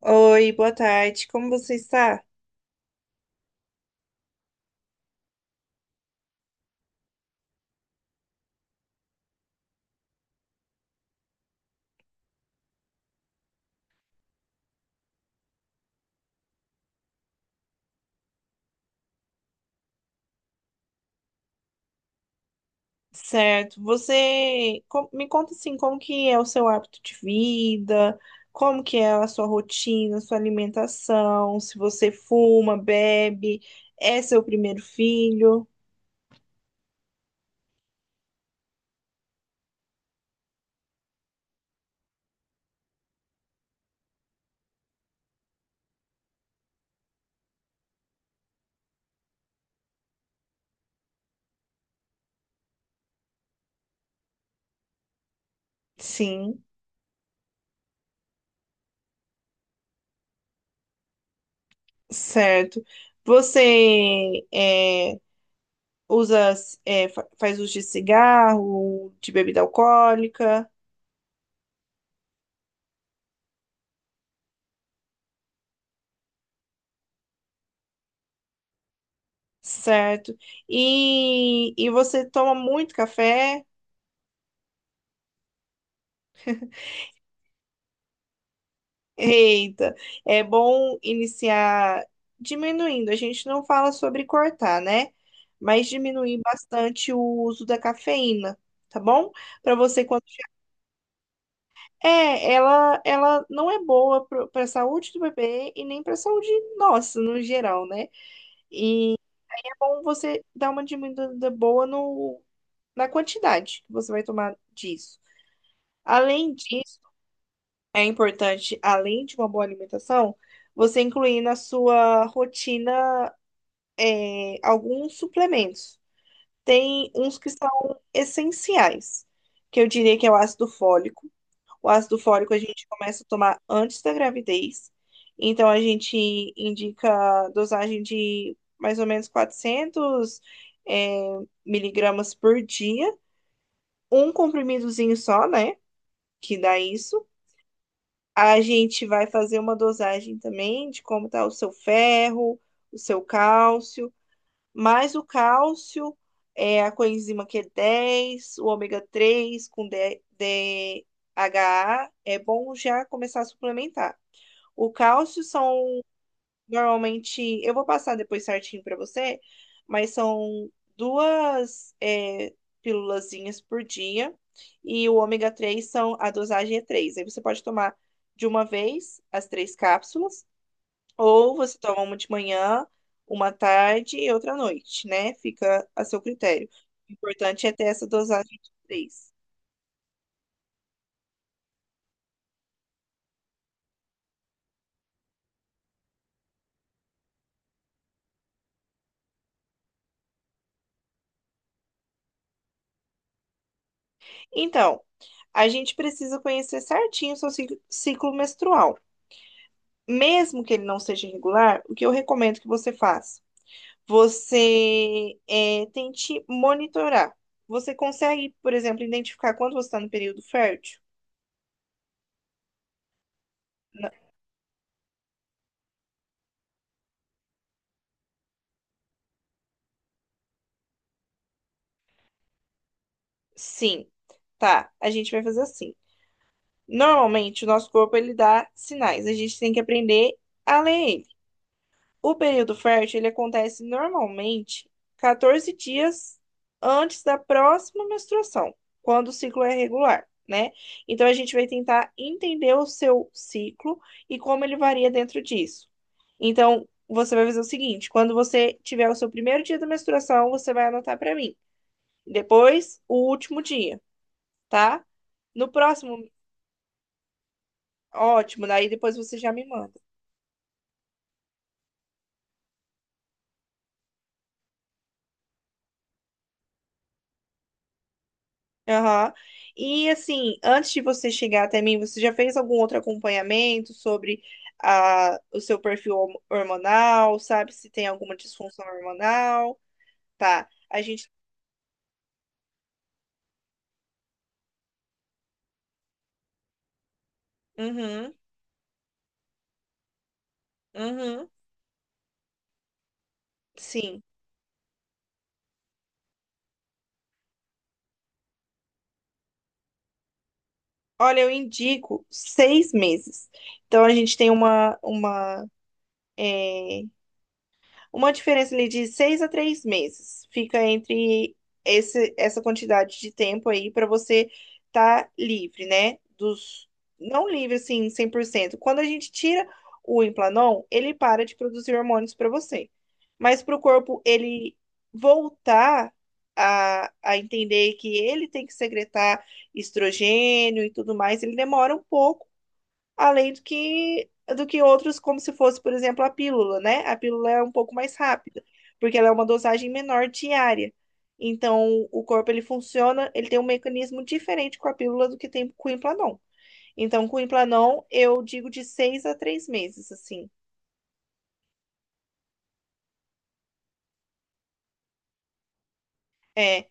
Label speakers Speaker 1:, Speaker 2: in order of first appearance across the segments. Speaker 1: Oi, boa tarde. Como você está? Certo. Você me conta assim, como que é o seu hábito de vida? Como que é a sua rotina, sua alimentação? Se você fuma, bebe, é seu primeiro filho? Sim, certo. Você usa, faz uso de cigarro, de bebida alcoólica, certo? E você toma muito café? Eita, é bom iniciar diminuindo. A gente não fala sobre cortar, né? Mas diminuir bastante o uso da cafeína, tá bom? Para você quando é, ela ela não é boa para a saúde do bebê e nem para a saúde nossa no geral, né? E é bom você dar uma diminuída boa no na quantidade que você vai tomar disso. Além disso, é importante, além de uma boa alimentação, você incluir na sua rotina, alguns suplementos. Tem uns que são essenciais, que eu diria que é o ácido fólico. O ácido fólico a gente começa a tomar antes da gravidez, então a gente indica dosagem de mais ou menos 400 miligramas por dia, um comprimidozinho só, né? Que dá isso. A gente vai fazer uma dosagem também de como está o seu ferro, o seu cálcio, mais o cálcio, a coenzima Q10, o ômega 3 com DHA, é bom já começar a suplementar. O cálcio são. Normalmente, eu vou passar depois certinho pra você, mas são duas, pílulazinhas por dia e o ômega 3 são a dosagem é 3. Aí você pode tomar de uma vez as três cápsulas, ou você toma uma de manhã, uma à tarde e outra à noite, né? Fica a seu critério. O importante é ter essa dosagem de três. Então, a gente precisa conhecer certinho o seu ciclo menstrual. Mesmo que ele não seja irregular, o que eu recomendo que você faça? Você tente monitorar. Você consegue, por exemplo, identificar quando você está no período fértil? Na- Sim, tá. A gente vai fazer assim. Normalmente, o nosso corpo ele dá sinais. A gente tem que aprender a ler ele. O período fértil ele acontece normalmente 14 dias antes da próxima menstruação, quando o ciclo é regular, né? Então a gente vai tentar entender o seu ciclo e como ele varia dentro disso. Então você vai fazer o seguinte: quando você tiver o seu primeiro dia da menstruação, você vai anotar para mim. Depois, o último dia, tá? No próximo, ótimo, daí depois você já me manda. Aham. E assim, antes de você chegar até mim, você já fez algum outro acompanhamento sobre o seu perfil hormonal, sabe se tem alguma disfunção hormonal? Tá. A gente. Uhum, uhum, sim. Olha, eu indico 6 meses. Então a gente tem eh, uma diferença ali de seis a três meses fica entre essa quantidade de tempo aí para você estar livre, né? Dos, não livre assim, 100%. Quando a gente tira o Implanon, ele para de produzir hormônios para você. Mas para o corpo ele voltar a entender que ele tem que secretar estrogênio e tudo mais, ele demora um pouco além do que outros, como se fosse, por exemplo, a pílula, né? A pílula é um pouco mais rápida, porque ela é uma dosagem menor diária. Então, o corpo ele funciona, ele tem um mecanismo diferente com a pílula do que tem com o Implanon. Então, com o Implanon, eu digo de seis a três meses, assim. É,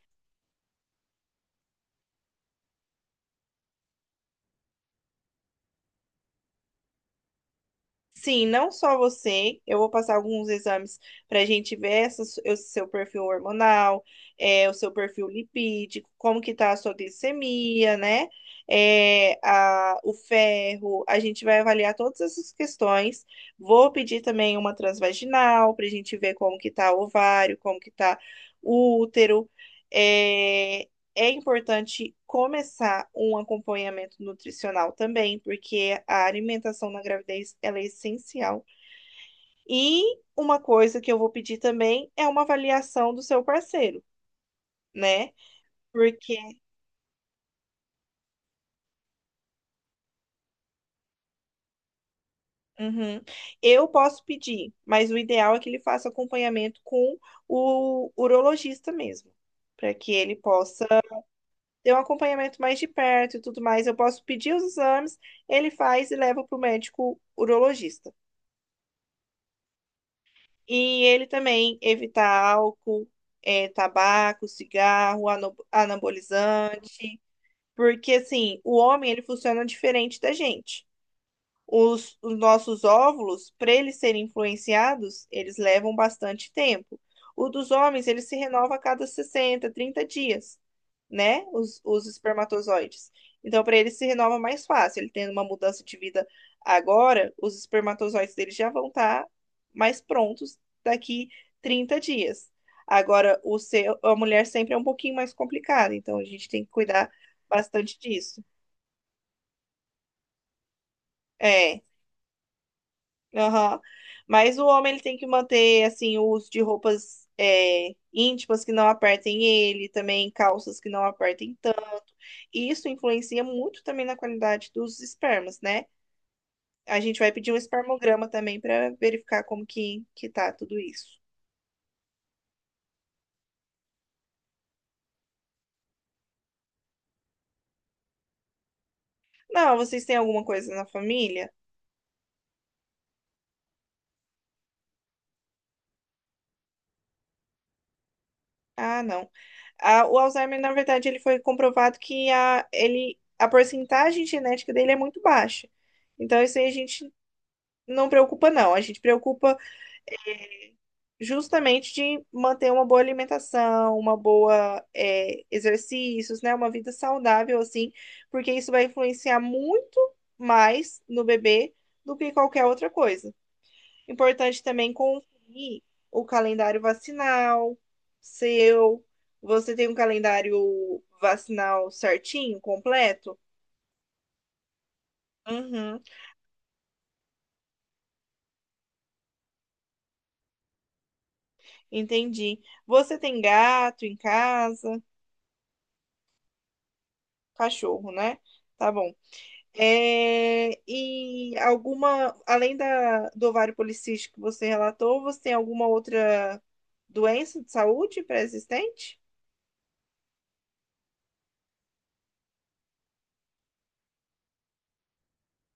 Speaker 1: sim, não só você. Eu vou passar alguns exames para a gente ver o seu perfil hormonal, o seu perfil lipídico, como que tá a sua glicemia, né? O ferro. A gente vai avaliar todas essas questões. Vou pedir também uma transvaginal para a gente ver como que tá o ovário, como que tá o útero. eh, é importante começar um acompanhamento nutricional também, porque a alimentação na gravidez ela é essencial. E uma coisa que eu vou pedir também é uma avaliação do seu parceiro, né? Porque, uhum, eu posso pedir, mas o ideal é que ele faça acompanhamento com o urologista mesmo, para que ele possa ter um acompanhamento mais de perto e tudo mais. Eu posso pedir os exames, ele faz e leva para o médico urologista. E ele também evitar álcool, tabaco, cigarro, anabolizante. Porque, assim, o homem, ele funciona diferente da gente. Os nossos óvulos, para eles serem influenciados, eles levam bastante tempo. O dos homens, ele se renova a cada 60 30 dias, né? Os espermatozoides. Então, para ele se renova mais fácil. Ele tendo uma mudança de vida agora, os espermatozoides dele já vão estar mais prontos daqui 30 dias. Agora, a mulher sempre é um pouquinho mais complicada, então a gente tem que cuidar bastante disso. É. Aham. Mas o homem ele tem que manter assim o uso de roupas, íntimas que não apertem ele, também calças que não apertem tanto. E isso influencia muito também na qualidade dos espermas, né? A gente vai pedir um espermograma também para verificar como que tá tudo isso. Não, vocês têm alguma coisa na família? Ah, não. Ah, o Alzheimer, na verdade, ele foi comprovado que a porcentagem genética dele é muito baixa. Então, isso aí a gente não preocupa, não. A gente preocupa justamente de manter uma boa alimentação, exercícios, né? Uma vida saudável, assim, porque isso vai influenciar muito mais no bebê do que qualquer outra coisa. Importante também conferir o calendário vacinal seu. Você tem um calendário vacinal certinho, completo? Uhum, entendi. Você tem gato em casa? Cachorro, né? Tá bom. É, e alguma, além do ovário policístico que você relatou, você tem alguma outra doença de saúde pré-existente?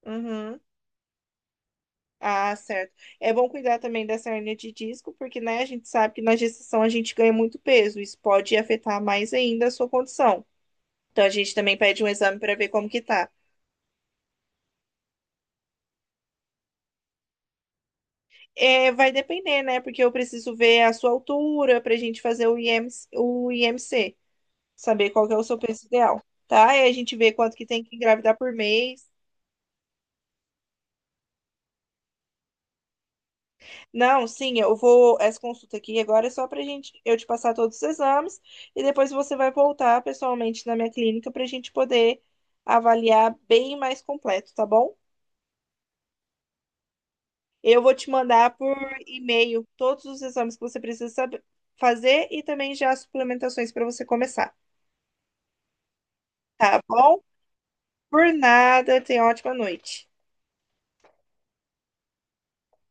Speaker 1: Uhum. Ah, certo. É bom cuidar também dessa hernia de disco, porque, né, a gente sabe que na gestação a gente ganha muito peso. Isso pode afetar mais ainda a sua condição. Então a gente também pede um exame para ver como que tá. É, vai depender, né? Porque eu preciso ver a sua altura para a gente fazer o IMC, o IMC, saber qual que é o seu peso ideal, tá? E a gente vê quanto que tem que engravidar por mês. Não, sim, eu vou. Essa consulta aqui agora é só pra gente eu te passar todos os exames e depois você vai voltar pessoalmente na minha clínica pra gente poder avaliar bem mais completo, tá bom? Eu vou te mandar por e-mail todos os exames que você precisa saber fazer e também já as suplementações para você começar, tá bom? Por nada, tenha ótima noite.